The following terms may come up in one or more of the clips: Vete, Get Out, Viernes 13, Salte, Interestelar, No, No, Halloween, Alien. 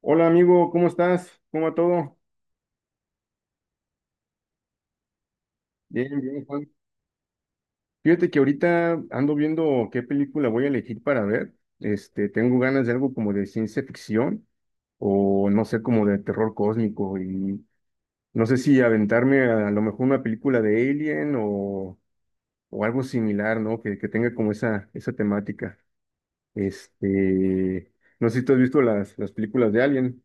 Hola amigo, ¿cómo estás? ¿Cómo va todo? Bien, bien, Juan. Fíjate que ahorita ando viendo qué película voy a elegir para ver. Tengo ganas de algo como de ciencia ficción o no sé, como de terror cósmico y no sé si aventarme a, lo mejor una película de Alien o algo similar, ¿no? Que tenga como esa temática. Este, no sé si tú has visto las películas de Alien.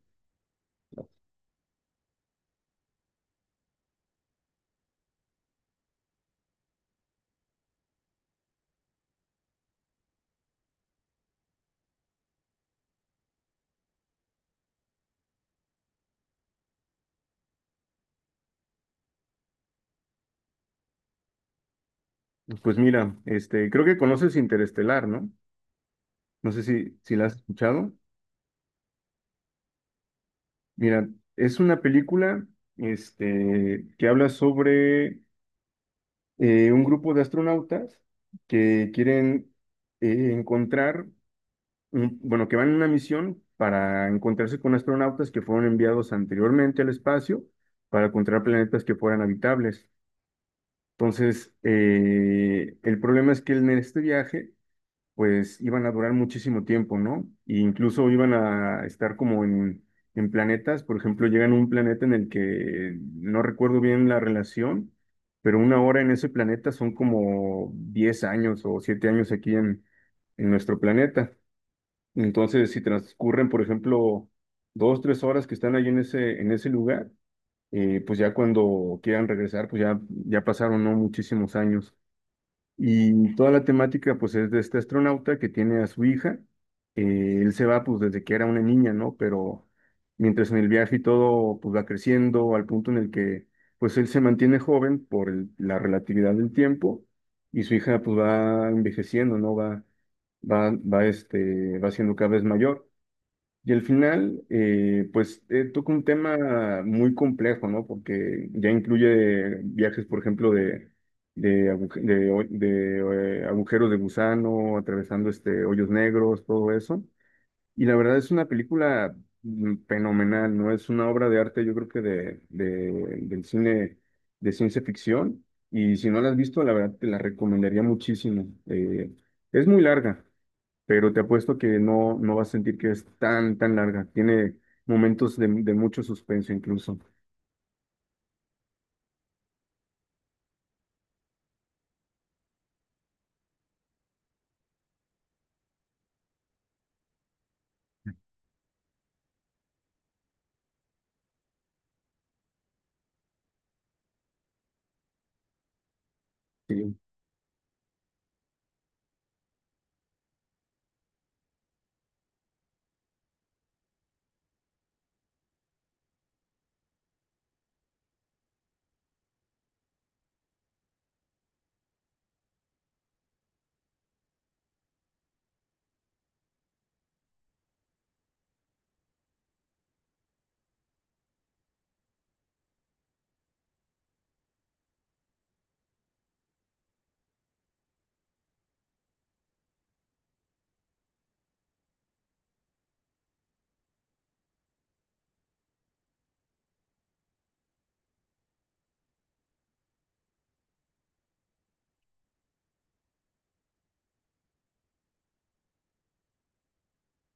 Pues mira, creo que conoces Interestelar, ¿no? No sé si la has escuchado. Mira, es una película que habla sobre un grupo de astronautas que quieren encontrar, bueno, que van en una misión para encontrarse con astronautas que fueron enviados anteriormente al espacio para encontrar planetas que fueran habitables. Entonces, el problema es que en este viaje pues iban a durar muchísimo tiempo, ¿no? E incluso iban a estar como en planetas, por ejemplo, llegan a un planeta en el que no recuerdo bien la relación, pero una hora en ese planeta son como 10 años o 7 años aquí en nuestro planeta. Entonces, si transcurren, por ejemplo, dos, tres horas que están ahí en en ese lugar, pues ya cuando quieran regresar, pues ya, ya pasaron, ¿no? Muchísimos años. Y toda la temática, pues, es de este astronauta que tiene a su hija. Él se va, pues, desde que era una niña, ¿no? Pero mientras en el viaje y todo, pues, va creciendo al punto en el que, pues, él se mantiene joven por la relatividad del tiempo y su hija, pues, va envejeciendo, ¿no? Va siendo cada vez mayor. Y al final, pues toca un tema muy complejo, ¿no? Porque ya incluye viajes, por ejemplo, de agujeros de gusano, atravesando hoyos negros, todo eso. Y la verdad es una película fenomenal, ¿no? Es una obra de arte, yo creo que del cine de ciencia ficción. Y si no la has visto, la verdad te la recomendaría muchísimo. Es muy larga, pero te apuesto que no, no vas a sentir que es tan, tan larga. Tiene momentos de mucho suspenso incluso. Sí.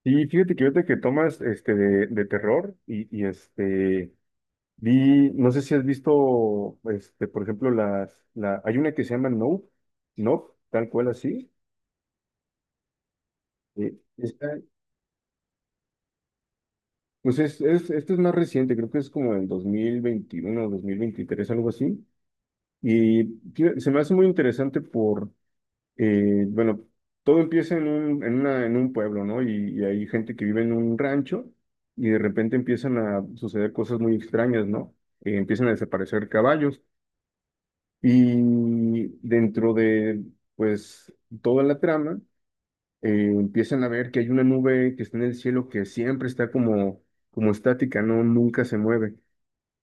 Y fíjate que ahorita que tomas de terror y vi, no sé si has visto este, por ejemplo, hay una que se llama No, No, tal cual así. eh, esta- pues esta es más reciente, creo que es como en 2021 2023 algo así. Y se me hace muy interesante por bueno, todo empieza en en un pueblo, ¿no? Y hay gente que vive en un rancho y de repente empiezan a suceder cosas muy extrañas, ¿no? Empiezan a desaparecer caballos y dentro de, pues, toda la trama, empiezan a ver que hay una nube que está en el cielo que siempre está como estática, ¿no? Nunca se mueve,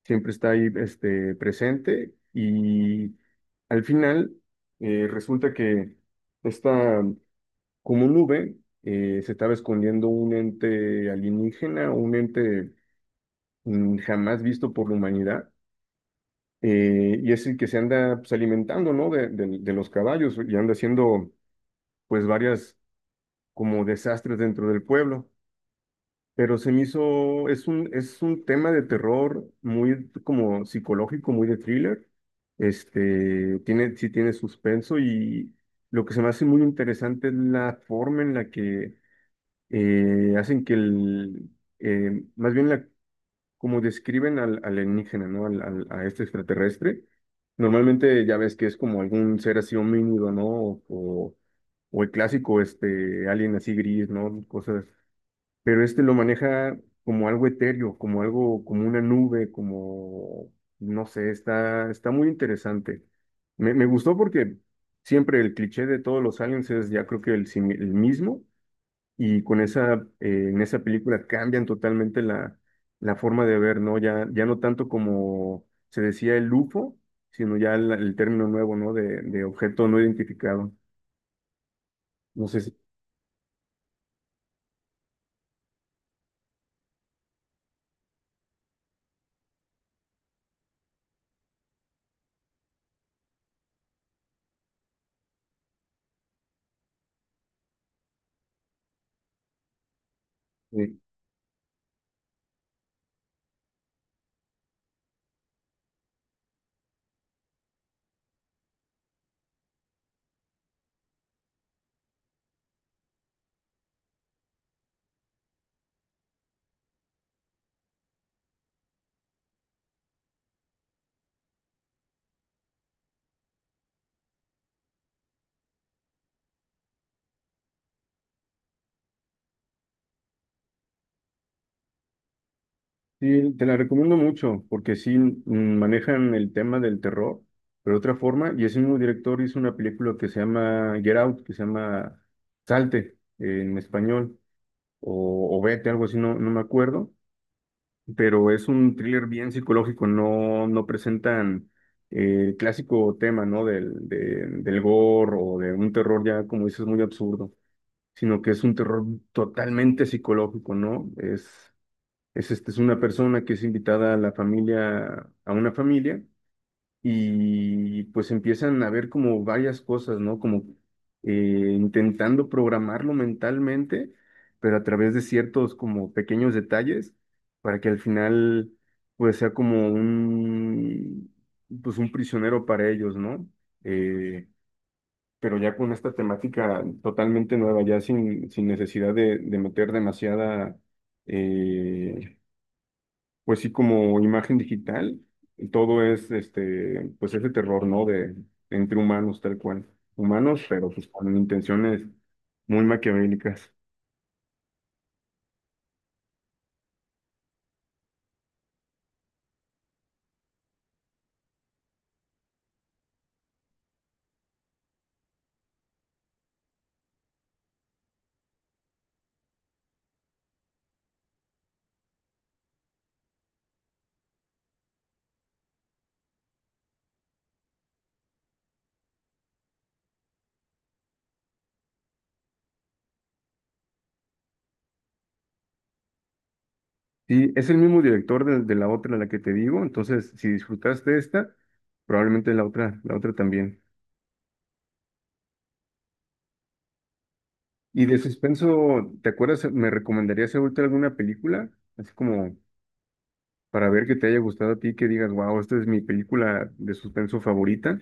siempre está ahí, presente y al final resulta que esta como un nube, se estaba escondiendo un ente alienígena, un ente jamás visto por la humanidad, y es el que se anda pues, alimentando, ¿no? De los caballos y anda haciendo, pues, varias como desastres dentro del pueblo. Pero se me hizo, es es un tema de terror muy como psicológico, muy de thriller. Tiene, sí tiene suspenso y lo que se me hace muy interesante es la forma en la que hacen que más bien como describen al alienígena, ¿no? A este extraterrestre, normalmente ya ves que es como algún ser así homínido, ¿no? O, o el clásico este alien así gris, ¿no? Cosas, pero este lo maneja como algo etéreo, como algo, como una nube, como, no sé, está, está muy interesante. Me gustó porque siempre el cliché de todos los aliens es ya creo que el mismo y con esa, en esa película cambian totalmente la forma de ver, ¿no? Ya, ya no tanto como se decía el UFO, sino ya el término nuevo, ¿no? De objeto no identificado. No sé si... eh, sí, te la recomiendo mucho, porque sí manejan el tema del terror, pero de otra forma, y ese mismo director hizo una película que se llama Get Out, que se llama Salte, en español, o Vete, algo así, no, no me acuerdo, pero es un thriller bien psicológico, no, no presentan el clásico tema, ¿no? Del gore o de un terror ya, como dices, muy absurdo, sino que es un terror totalmente psicológico, ¿no? Es una persona que es invitada a la familia, a una familia y pues empiezan a ver como varias cosas, ¿no? Como intentando programarlo mentalmente, pero a través de ciertos como pequeños detalles, para que al final pues sea como pues un prisionero para ellos, ¿no? Eh, pero ya con esta temática totalmente nueva, ya sin, sin necesidad de meter demasiada... eh, pues sí, como imagen digital, todo es pues ese terror, ¿no? De entre humanos, tal cual. Humanos, pero pues con intenciones muy maquiavélicas. Sí, es el mismo director de la otra, la que te digo, entonces si disfrutaste esta, probablemente la otra también. Y de suspenso, ¿te acuerdas? ¿Me recomendarías ahorita alguna película? Así como para ver que te haya gustado a ti, que digas, wow, esta es mi película de suspenso favorita.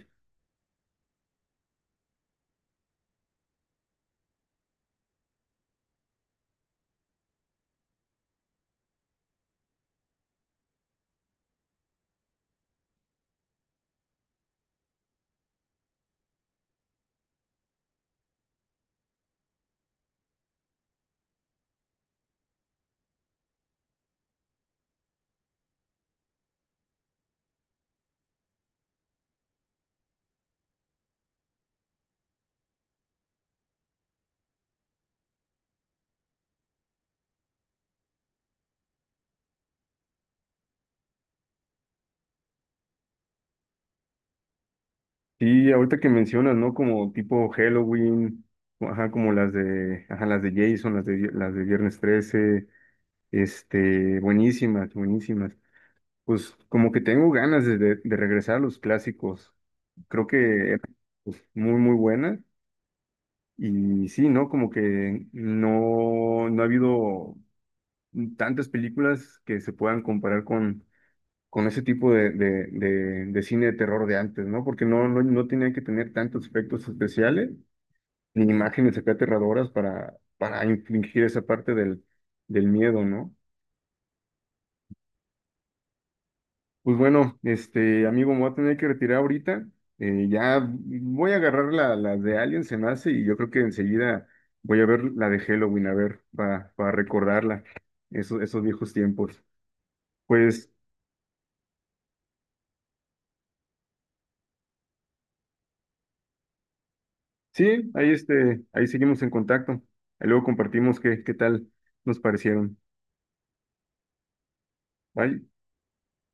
Sí, ahorita que mencionas, ¿no? Como tipo Halloween, o ajá, como las de, ajá, las de Jason, las de Viernes 13, buenísimas, buenísimas. Pues como que tengo ganas de regresar a los clásicos. Creo que eran, pues, muy, muy buenas. Y sí, ¿no? Como que no, no ha habido tantas películas que se puedan comparar con ese tipo de cine de terror de antes, ¿no? Porque no, no, no tenía que tener tantos efectos especiales ni imágenes acá aterradoras para infligir esa parte del miedo, ¿no? Pues bueno, este amigo, me voy a tener que retirar ahorita. Ya voy a agarrar la de Alien, se me hace, y yo creo que enseguida voy a ver la de Halloween, a ver, para recordarla, esos, esos viejos tiempos. Pues sí, ahí, ahí seguimos en contacto. Ahí luego compartimos qué, qué tal nos parecieron. Bye.